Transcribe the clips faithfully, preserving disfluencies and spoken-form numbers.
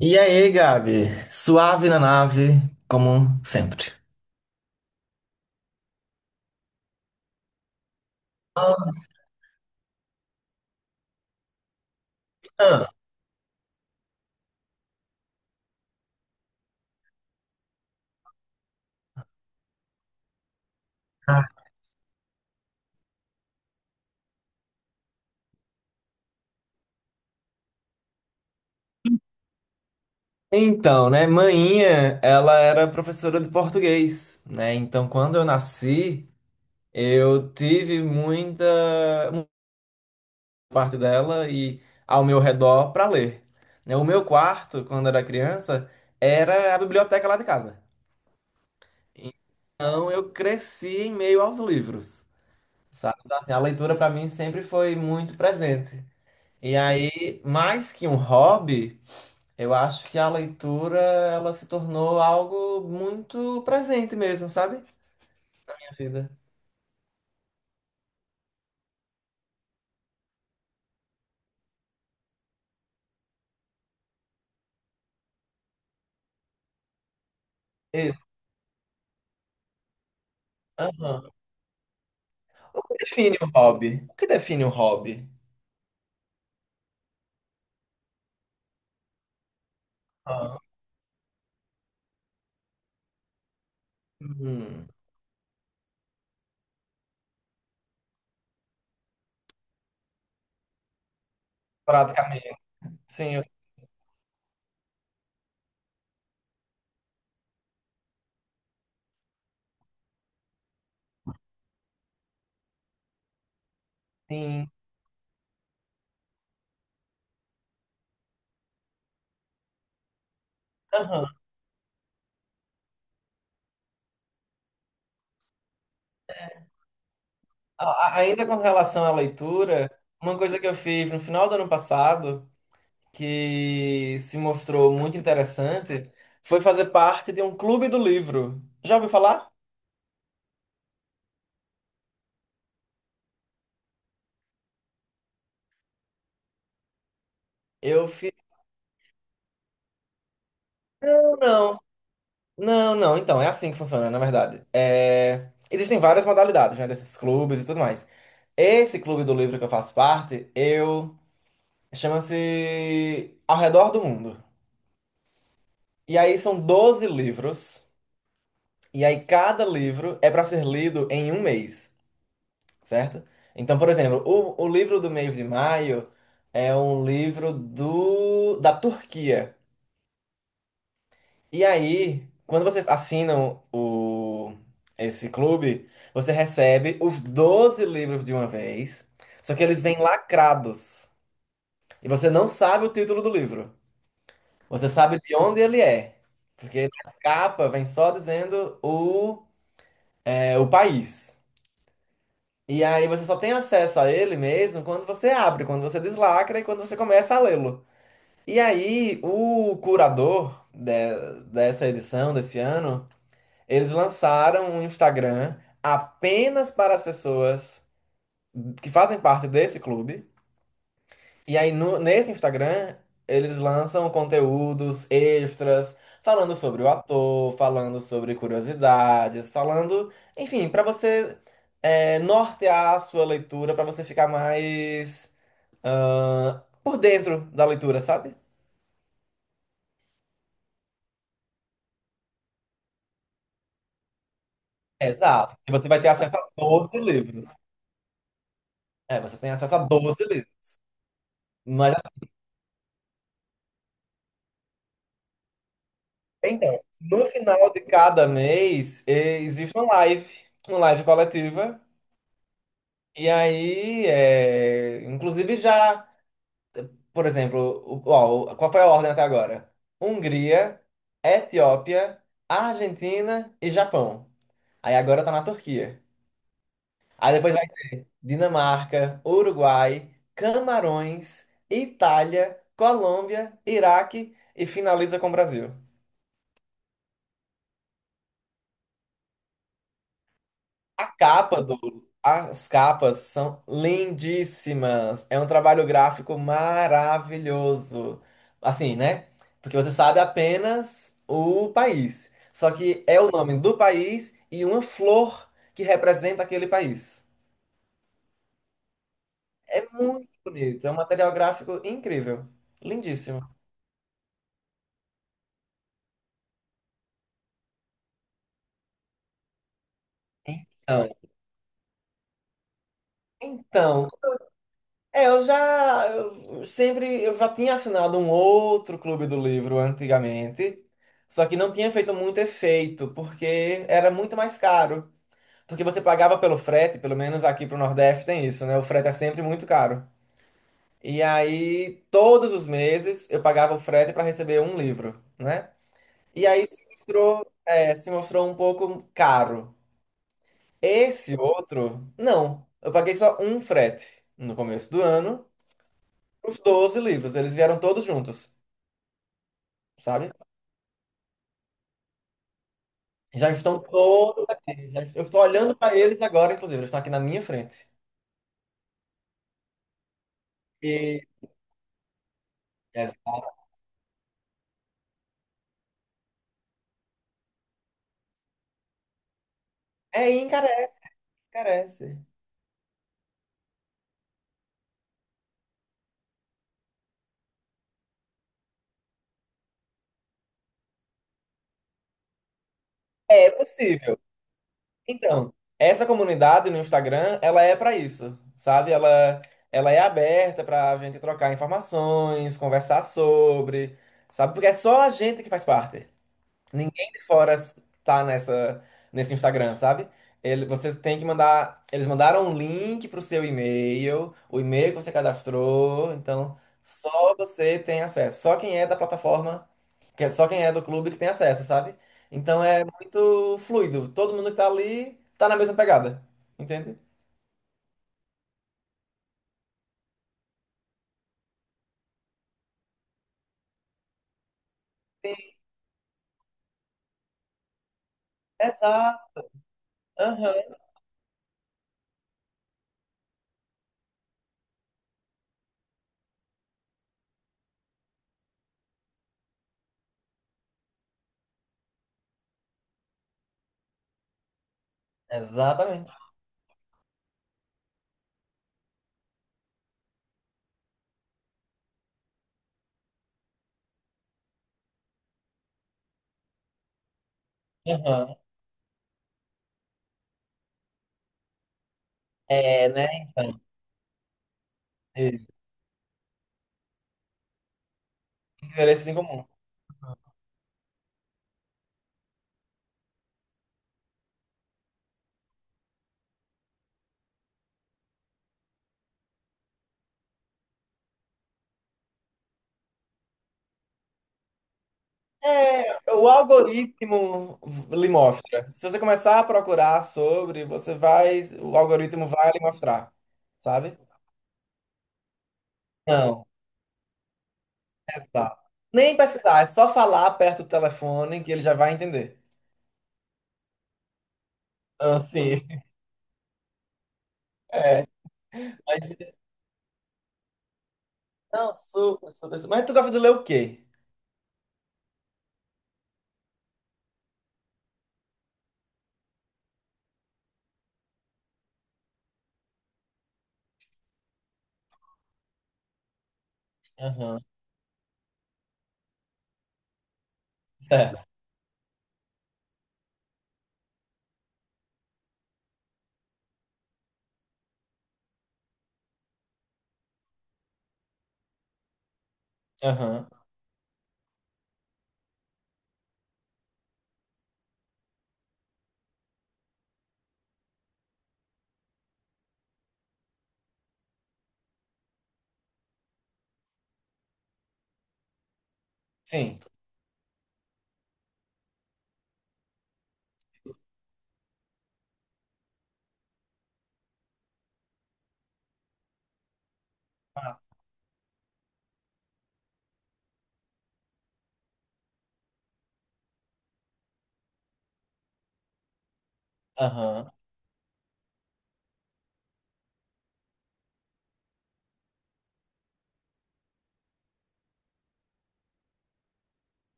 E aí, Gabi? Suave na nave, como sempre. Ah, ah. Então, né, mainha, ela era professora de português, né? Então, quando eu nasci, eu tive muita muita parte dela e ao meu redor para ler. Né? O meu quarto, quando era criança, era a biblioteca lá de casa. Então, eu cresci em meio aos livros, sabe? Então, assim, a leitura para mim sempre foi muito presente. E aí, mais que um hobby, eu acho que a leitura ela se tornou algo muito presente mesmo, sabe? Na minha vida. Isso. Aham. O que define um hobby? O que define um hobby? Ah, hum, praticamente. Sim, eu- sim. Aham. A- a- Ainda com relação à leitura, uma coisa que eu fiz no final do ano passado, que se mostrou muito interessante, foi fazer parte de um clube do livro. Já ouviu falar? Eu fiz. Não, não. Não, não, então, é assim que funciona, na verdade. É, existem várias modalidades, né, desses clubes e tudo mais. Esse clube do livro que eu faço parte, eu... chama-se Ao Redor do Mundo. E aí são doze livros, e aí cada livro é para ser lido em um mês, certo? Então, por exemplo, o, o livro do mês de maio é um livro do... da Turquia. E aí, quando você assina o, esse clube, você recebe os doze livros de uma vez, só que eles vêm lacrados. E você não sabe o título do livro. Você sabe de onde ele é. Porque na capa vem só dizendo o, é, o país. E aí você só tem acesso a ele mesmo quando você abre, quando você deslacra e quando você começa a lê-lo. E aí, o curador de- dessa edição, desse ano. Eles lançaram um Instagram apenas para as pessoas que fazem parte desse clube. E aí, no- nesse Instagram, eles lançam conteúdos extras, falando sobre o ator, falando sobre curiosidades, falando, enfim, para você é, nortear a sua leitura, para você ficar mais ah, por dentro da leitura, sabe? Exato. E você vai ter acesso a doze livros. É, você tem acesso a doze livros. Mas Então, no final de cada mês, eh, existe uma live, uma live coletiva. E aí, eh, inclusive já, por exemplo, o- ó, o- qual foi a ordem até agora? Hungria, Etiópia, Argentina e Japão. Aí agora tá na Turquia. Aí depois vai Dinamarca, Uruguai, Camarões, Itália, Colômbia, Iraque e finaliza com o Brasil. A capa do. As capas são lindíssimas. É um trabalho gráfico maravilhoso. Assim, né? Porque você sabe apenas o país. Só que é o nome do país e uma flor que representa aquele país. É muito bonito. É um material gráfico incrível. Lindíssimo. Então, então, é, eu já eu sempre eu já tinha assinado um outro clube do livro antigamente, só que não tinha feito muito efeito, porque era muito mais caro. Porque você pagava pelo frete, pelo menos aqui pro Nordeste tem isso, né? O frete é sempre muito caro. E aí, todos os meses, eu pagava o frete para receber um livro, né? E aí se mostrou, é, se mostrou um pouco caro. Esse outro, não. Eu paguei só um frete no começo do ano. Os doze livros, eles vieram todos juntos, sabe? Já estão todos. Já- eu estou olhando para eles agora, inclusive, eles estão aqui na minha frente. E, Exato. É, encarece, encarece. É possível. Então, essa comunidade no Instagram, ela é para isso, sabe? Ela, ela é aberta para a gente trocar informações, conversar sobre, sabe? Porque é só a gente que faz parte. Ninguém de fora tá nessa, nesse Instagram, sabe? Ele, você tem que mandar. Eles mandaram um link pro seu e-mail, o e-mail que você cadastrou, então só você tem acesso. Só quem é da plataforma, que é- só quem é do clube que tem acesso, sabe? Então é muito fluido. Todo mundo que tá ali tá na mesma pegada. Entende? Exato. Aham. Exatamente. Aham. É, né? Então, é, interesses em comum. É, o algoritmo lhe mostra. Se você começar a procurar sobre, você vai, o algoritmo vai lhe mostrar, sabe? Não, exato. Nem pesquisar, é só falar perto do telefone que ele já vai entender. Ah, sim. É. Mas, não, super, super, super. Mas tu gosta de ler o quê? Aham, certo. Aham, sim. Ah, aham.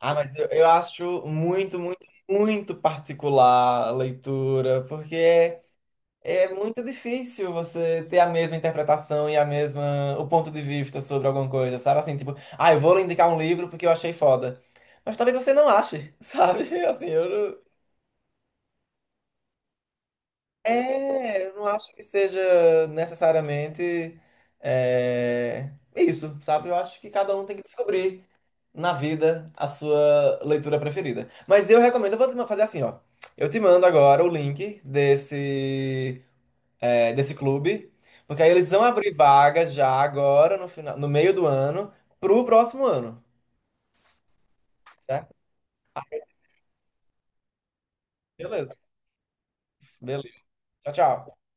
Ah, mas eu, eu acho muito, muito, muito particular a leitura, porque é É muito difícil você ter a mesma interpretação e a mesma, o ponto de vista sobre alguma coisa, sabe? Assim, tipo, ah, eu vou lhe indicar um livro porque eu achei foda. Mas talvez você não ache, sabe? Assim, eu não... É, eu não acho que seja necessariamente é, isso, sabe? Eu acho que cada um tem que descobrir na vida a sua leitura preferida. Mas eu recomendo, eu vou te ma- fazer assim, ó. Eu te mando agora o link desse é, desse clube, porque aí eles vão abrir vagas já agora, no final, no meio do ano, pro próximo ano. Certo? Beleza, beleza. Tchau, tchau.